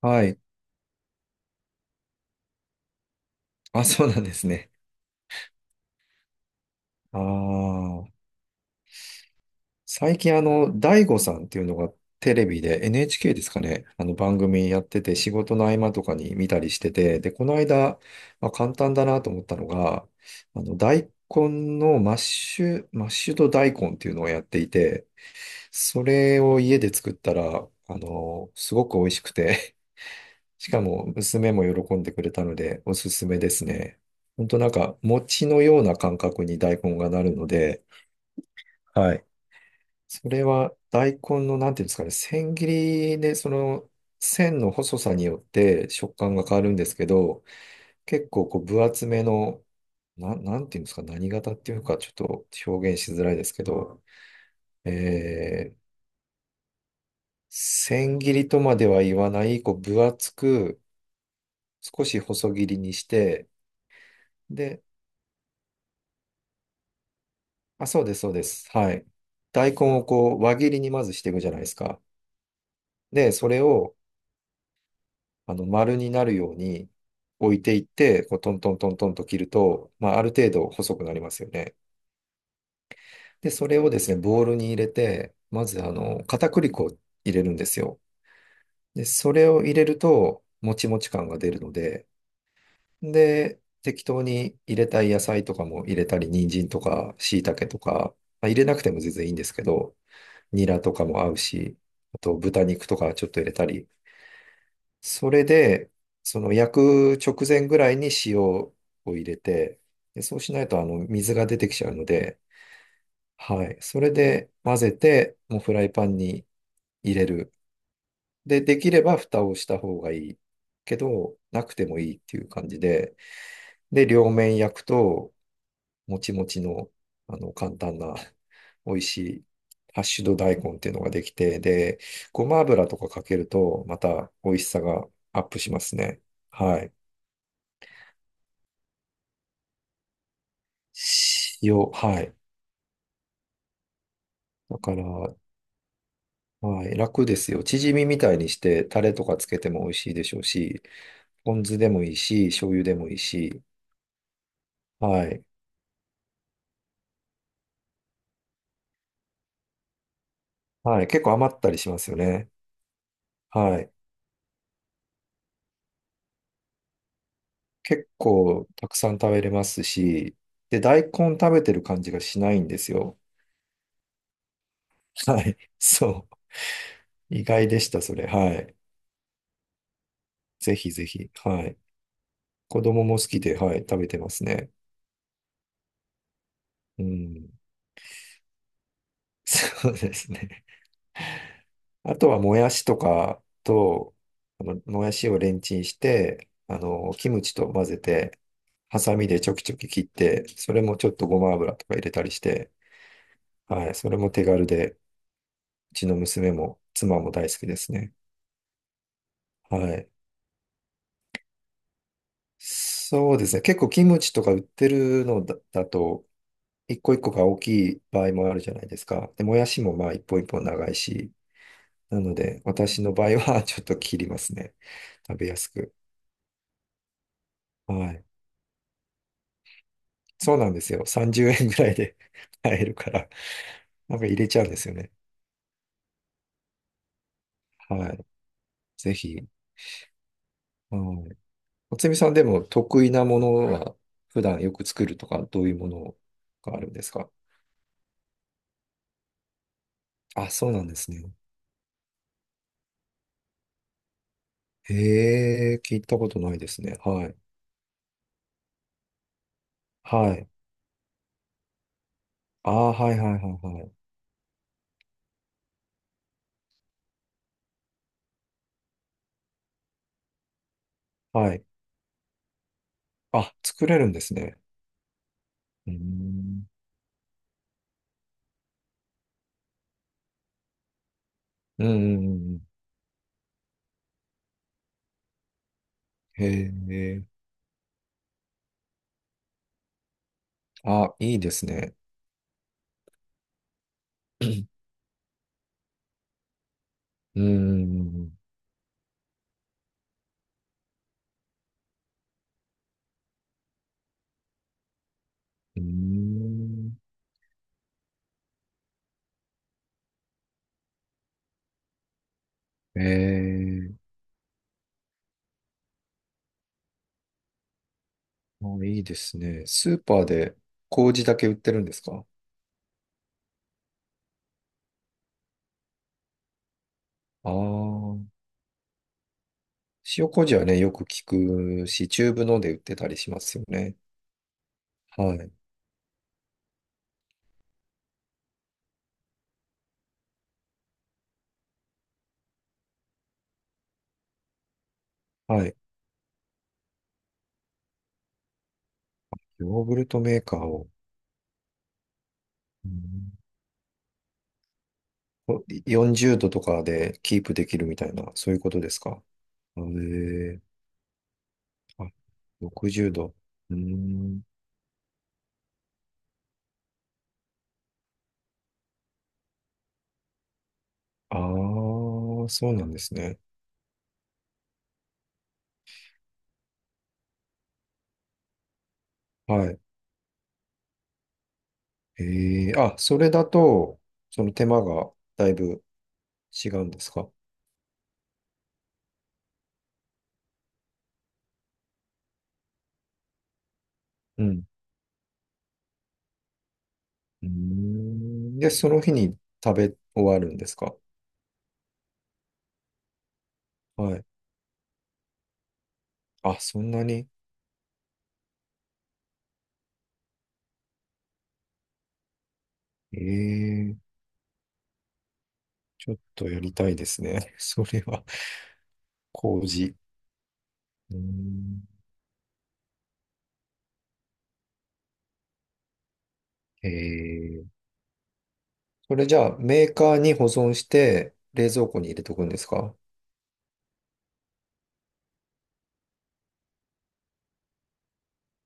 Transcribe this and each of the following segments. はい。あ、そうなんですね。ああ。最近大悟さんっていうのがテレビで NHK ですかね。あの番組やってて、仕事の合間とかに見たりしてて、で、この間、まあ、簡単だなと思ったのが、大根のマッシュ、マッシュド大根っていうのをやっていて、それを家で作ったら、すごく美味しくて、しかも娘も喜んでくれたのでおすすめですね。ほんとなんか餅のような感覚に大根がなるので。はい。それは大根のなんていうんですかね、千切りで、その線の細さによって食感が変わるんですけど、結構こう分厚めの、なんていうんですか、何型っていうかちょっと表現しづらいですけど、えー、千切りとまでは言わない、こう分厚く少し細切りにして、で、あ、そうです、そうです。はい。大根をこう、輪切りにまずしていくじゃないですか。で、それを、丸になるように置いていって、こう、トントントントンと切ると、まあ、ある程度細くなりますよね。で、それをですね、ボウルに入れて、まず、片栗粉を入れるんですよ。で、それを入れると、もちもち感が出るので、で、適当に入れたい野菜とかも入れたり、人参とか、椎茸とか、まあ、入れなくても全然いいんですけど、ニラとかも合うし、あと豚肉とかちょっと入れたり。それで、その焼く直前ぐらいに塩を入れて、で、そうしないと水が出てきちゃうので。はい。それで混ぜて、もうフライパンに入れる。で、できれば蓋をした方がいいけど、なくてもいいっていう感じで、で、両面焼くと、もちもちの、簡単な、美味しい、ハッシュド大根っていうのができて、で、ごま油とかかけると、また美味しさがアップしますね。はい。塩、はい。だから、はい、楽ですよ。チヂミみたいにして、タレとかつけても美味しいでしょうし、ポン酢でもいいし、醤油でもいいし。はい。はい。結構余ったりしますよね。はい。結構たくさん食べれますし、で、大根食べてる感じがしないんですよ。はい。そう。意外でした、それ。はい。ぜひぜひ。はい。子供も好きで、はい、食べてますね。うん。そうですね。あとは、もやしとかと、もやしをレンチンして、キムチと混ぜて、ハサミでちょきちょき切って、それもちょっとごま油とか入れたりして。はい。それも手軽で、うちの娘も妻も大好きですね。はい。そうですね。結構キムチとか売ってるのだと、一個一個が大きい場合もあるじゃないですか。で、もやしもまあ一本一本長いし、なので私の場合は ちょっと切りますね。食べやすく。はい。そうなんですよ。30円ぐらいで 買えるから、なんか入れちゃうんですよね。はい。ぜひ。はい。おつみさんでも得意なものは、普段よく作るとか、どういうものがあるんですか？あ、そうなんですね。へえ、聞いたことないですね。はい。はい。ああ、はいはいはいはい。はい。あ、作れるんですね。うん。うん。うん。へえ。あ、いいですね。うん。うん。ええ。あ、いいですね。スーパーで麹だけ売ってるんですか？ああー。塩麹はね、よく聞くし、チューブので売ってたりしますよね。はい。はい。ヨーグルトメーカーを、うん、こ40度とかでキープできるみたいな、そういうことですか？へえ。あ、60度。うーん。ああ、そうなんですね。はい。ええ、あ、それだと、その手間がだいぶ違うんですか？うん。うーん。で、その日に食べ終わるんですか？はい。あ、そんなに。ええ、ちょっとやりたいですね。それは、麹。うーん。ええ、それじゃあ、メーカーに保存して、冷蔵庫に入れとくんですか？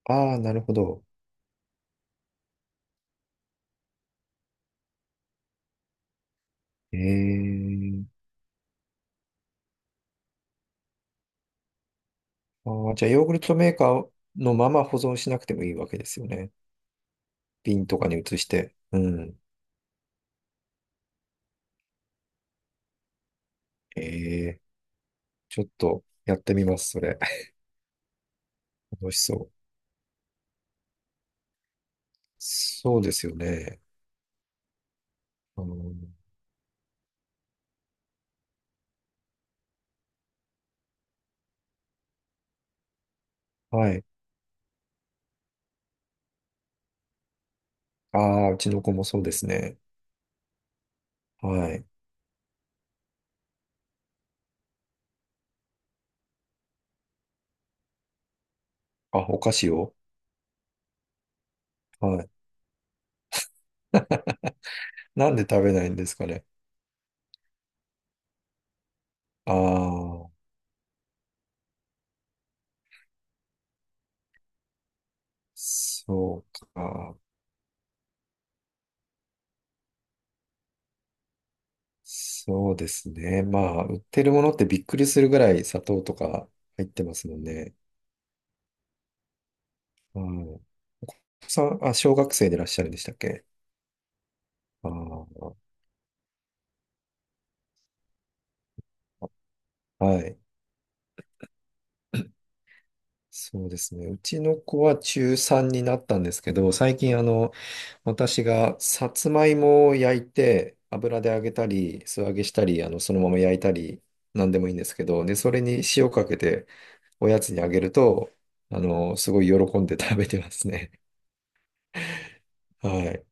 ああー、なるほど。ええ。あー、じゃあ、ヨーグルトメーカーのまま保存しなくてもいいわけですよね。瓶とかに移して。うん。ええ。ちょっとやってみます、それ。楽しそう。そうですよね。あのはい。ああ、うちの子もそうですね。はい。あ、お菓子を。はい。なんで食べないんですかね。ああ、そうか。そうですね。まあ、売ってるものってびっくりするぐらい砂糖とか入ってますもんね。はいさん、あ、小学生でいらっしゃるんでしたっけ？ああ、はい。そうですね。うちの子は中3になったんですけど、最近私がさつまいもを焼いて、油で揚げたり、素揚げしたり、そのまま焼いたり、なんでもいいんですけど、で、それに塩かけておやつにあげると、すごい喜んで食べてますね。はい。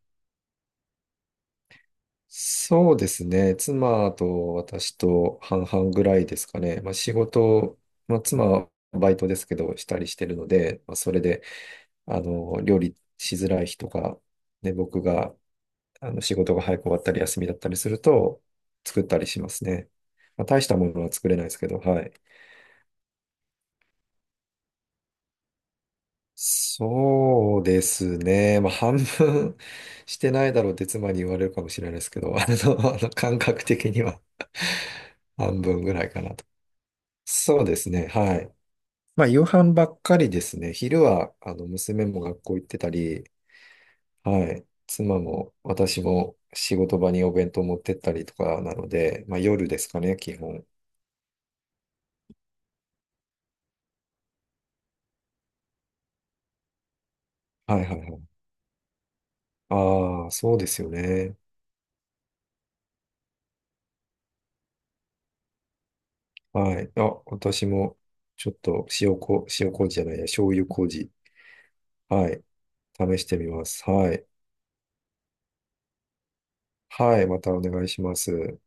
そうですね。妻と私と半々ぐらいですかね。まあ、仕事、まあ、妻はバイトですけど、したりしてるので、まあ、それで、料理しづらい日とか、ね、僕が、仕事が早く終わったり、休みだったりすると、作ったりしますね。まあ、大したものは作れないですけど。はい。そうですね。まあ、半分 してないだろうって妻に言われるかもしれないですけど、感覚的には半分ぐらいかなと。そうですね。はい。まあ、夕飯ばっかりですね。昼は、娘も学校行ってたり、はい。妻も私も仕事場にお弁当持ってったりとかなので、まあ、夜ですかね、基本。はいはいはい。ああ、そうですよね。はい。あ、私も、ちょっと塩麹じゃないや、醤油麹。はい。試してみます。はい。はい。またお願いします。